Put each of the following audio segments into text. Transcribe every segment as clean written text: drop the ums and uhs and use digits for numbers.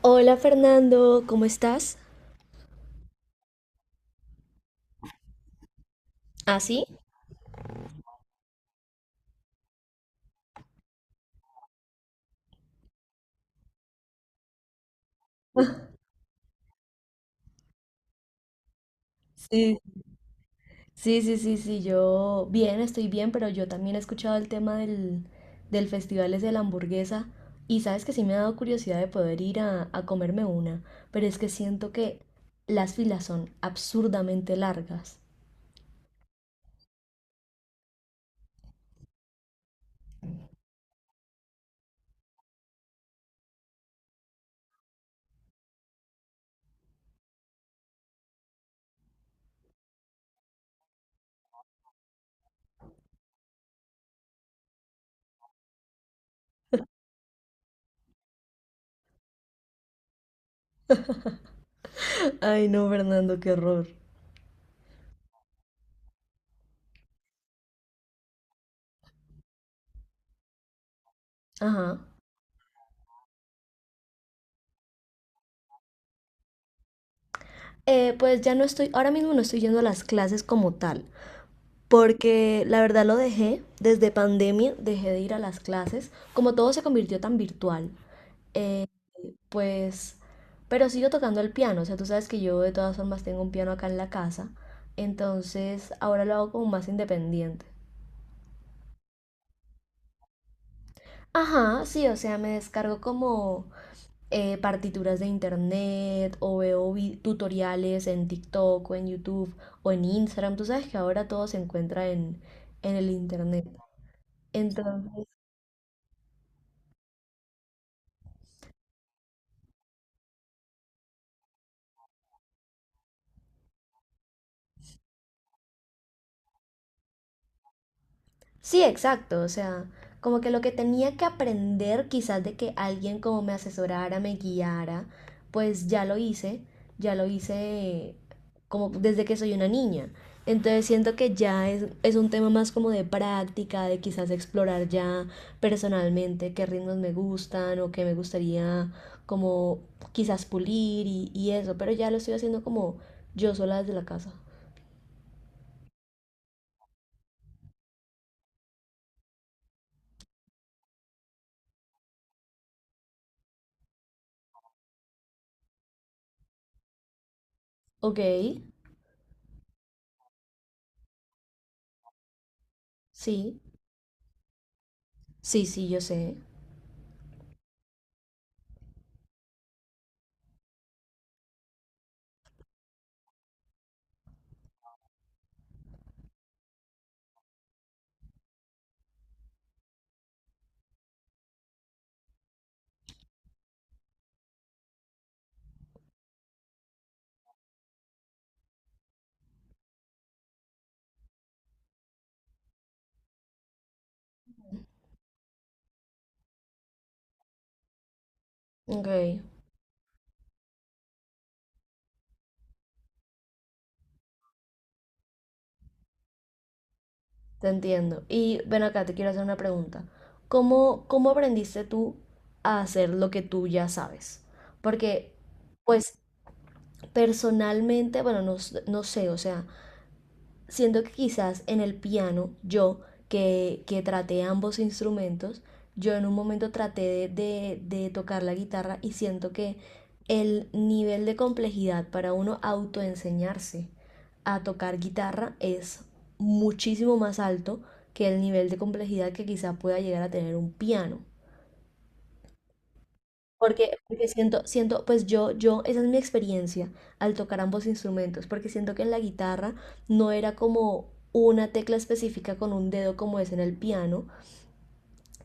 Hola Fernando, ¿cómo estás? ¿Ah, sí? Sí, sí, sí, sí, sí, yo bien, estoy bien, pero yo también he escuchado el tema del Festival ese de la hamburguesa y sabes que sí me ha dado curiosidad de poder ir a comerme una, pero es que siento que las filas son absurdamente largas. Ay, no, Fernando, qué horror. Ajá. Pues ya no estoy, ahora mismo no estoy yendo a las clases como tal, porque la verdad lo dejé, desde pandemia dejé de ir a las clases, como todo se convirtió tan virtual, eh, pues, pero sigo tocando el piano, o sea, tú sabes que yo de todas formas tengo un piano acá en la casa, entonces ahora lo hago como más independiente. Ajá, sí, o sea, me descargo como partituras de internet o veo tutoriales en TikTok o en YouTube o en Instagram, tú sabes que ahora todo se encuentra en el internet. Entonces... Sí, exacto, o sea, como que lo que tenía que aprender quizás de que alguien como me asesorara, me guiara, pues ya lo hice como desde que soy una niña. Entonces siento que es un tema más como de práctica, de quizás explorar ya personalmente qué ritmos me gustan o qué me gustaría como quizás pulir y eso, pero ya lo estoy haciendo como yo sola desde la casa. Ok, sí, sí, sí, yo sé. Ok. Te entiendo. Y ven acá, te quiero hacer una pregunta. Cómo aprendiste tú a hacer lo que tú ya sabes? Porque, pues, personalmente, bueno, no, no sé, o sea, siendo que quizás en el piano, yo que traté ambos instrumentos, yo en un momento traté de tocar la guitarra y siento que el nivel de complejidad para uno autoenseñarse a tocar guitarra es muchísimo más alto que el nivel de complejidad que quizás pueda llegar a tener un piano. Porque siento, pues yo, esa es mi experiencia al tocar ambos instrumentos, porque siento que en la guitarra no era como una tecla específica con un dedo como es en el piano,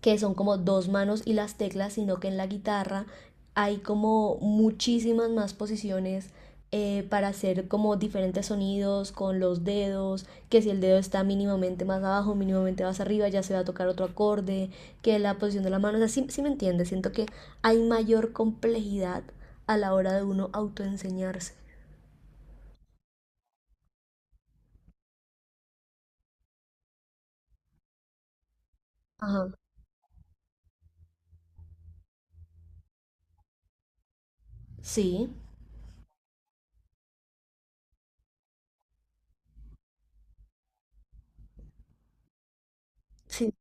que son como dos manos y las teclas, sino que en la guitarra hay como muchísimas más posiciones para hacer como diferentes sonidos con los dedos, que si el dedo está mínimamente más abajo, mínimamente más arriba, ya se va a tocar otro acorde, que la posición de la mano, o sea, sí me entiendes. Siento que hay mayor complejidad a la hora de uno autoenseñarse. Ajá. Sí, sí,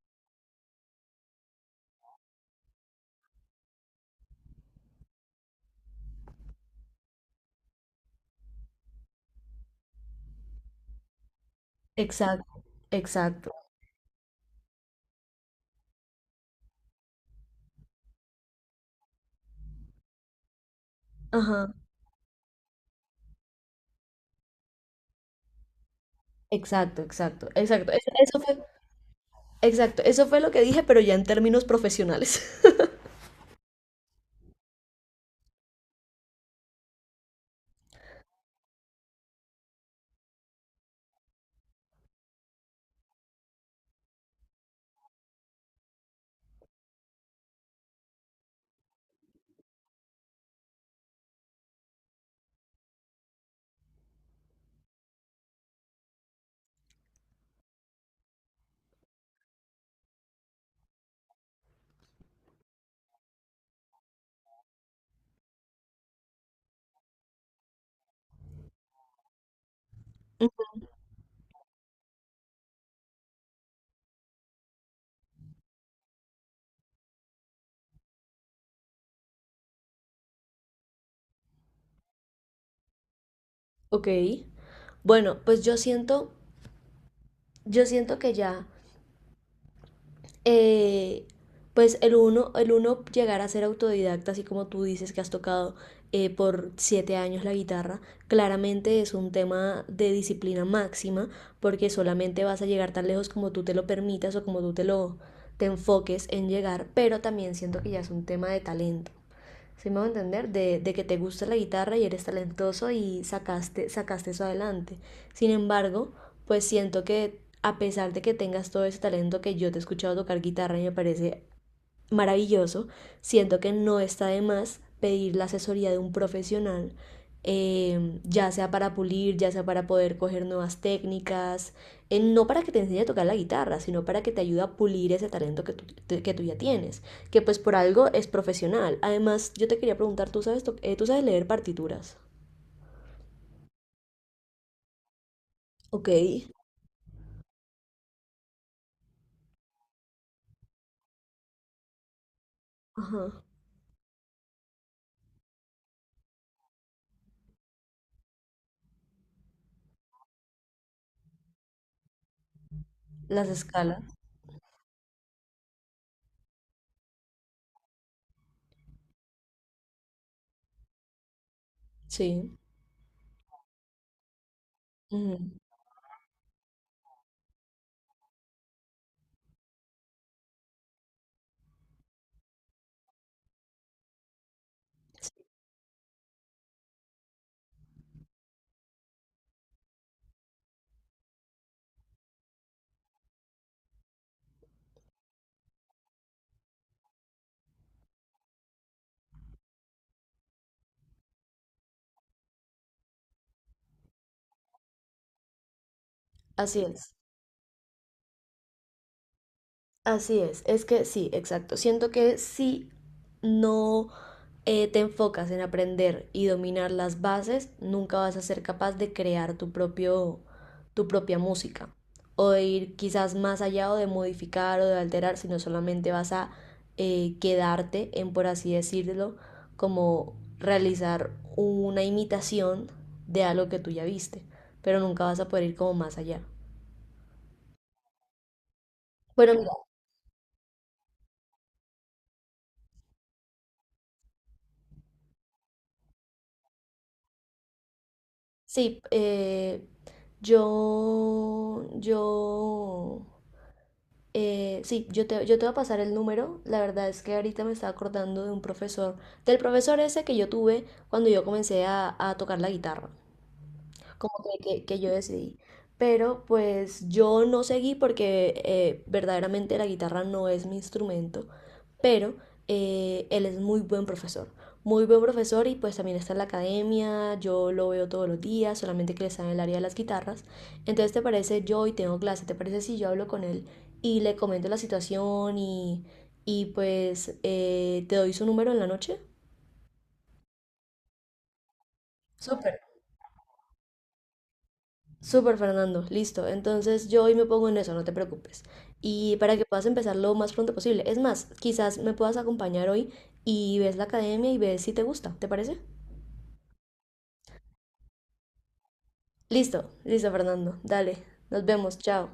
exacto, exacto. Ajá. Exacto, exacto, exacto. Eso fue, Exacto, eso fue lo que dije, pero ya en términos profesionales. Ok. Bueno, pues yo siento que ya, eh, pues el uno llegar a ser autodidacta, así como tú dices que has tocado por 7 años la guitarra, claramente es un tema de disciplina máxima, porque solamente vas a llegar tan lejos como tú te lo permitas o como tú te lo te enfoques en llegar, pero también siento que ya es un tema de talento. ¿Sí me voy a entender? De que te gusta la guitarra y eres talentoso y sacaste eso adelante. Sin embargo, pues siento que a pesar de que tengas todo ese talento que yo te he escuchado tocar guitarra y me parece maravilloso. Siento que no está de más pedir la asesoría de un profesional, ya sea para pulir, ya sea para poder coger nuevas técnicas, no para que te enseñe a tocar la guitarra, sino para que te ayude a pulir ese talento que tú ya tienes, que pues por algo es profesional. Además, yo te quería preguntar, ¿tú sabes, ¿tú sabes leer partituras? Ok. Ajá. Las escalas. Sí. Ujú. Sí, así es. Así es que sí, exacto. Siento que si no te enfocas en aprender y dominar las bases, nunca vas a ser capaz de crear tu propia música o de ir quizás más allá o de modificar o de alterar, sino solamente vas a quedarte en, por así decirlo, como realizar una imitación de algo que tú ya viste, pero nunca vas a poder ir como más allá. Bueno, mira, sí, yo, yo, sí, yo te voy a pasar el número. La verdad es que ahorita me estaba acordando de un profesor, del profesor ese que yo tuve cuando yo comencé a tocar la guitarra como que yo decidí. Pero pues yo no seguí porque verdaderamente la guitarra no es mi instrumento, pero él es muy buen profesor. Muy buen profesor y pues también está en la academia, yo lo veo todos los días, solamente que él está en el área de las guitarras. Entonces, ¿te parece yo hoy tengo clase? ¿Te parece si yo hablo con él y le comento la situación y pues te doy su número en la noche? Súper. Súper, Fernando. Listo. Entonces yo hoy me pongo en eso, no te preocupes. Y para que puedas empezar lo más pronto posible. Es más, quizás me puedas acompañar hoy y ves la academia y ves si te gusta. ¿Te parece? Listo, listo, Fernando. Dale. Nos vemos. Chao.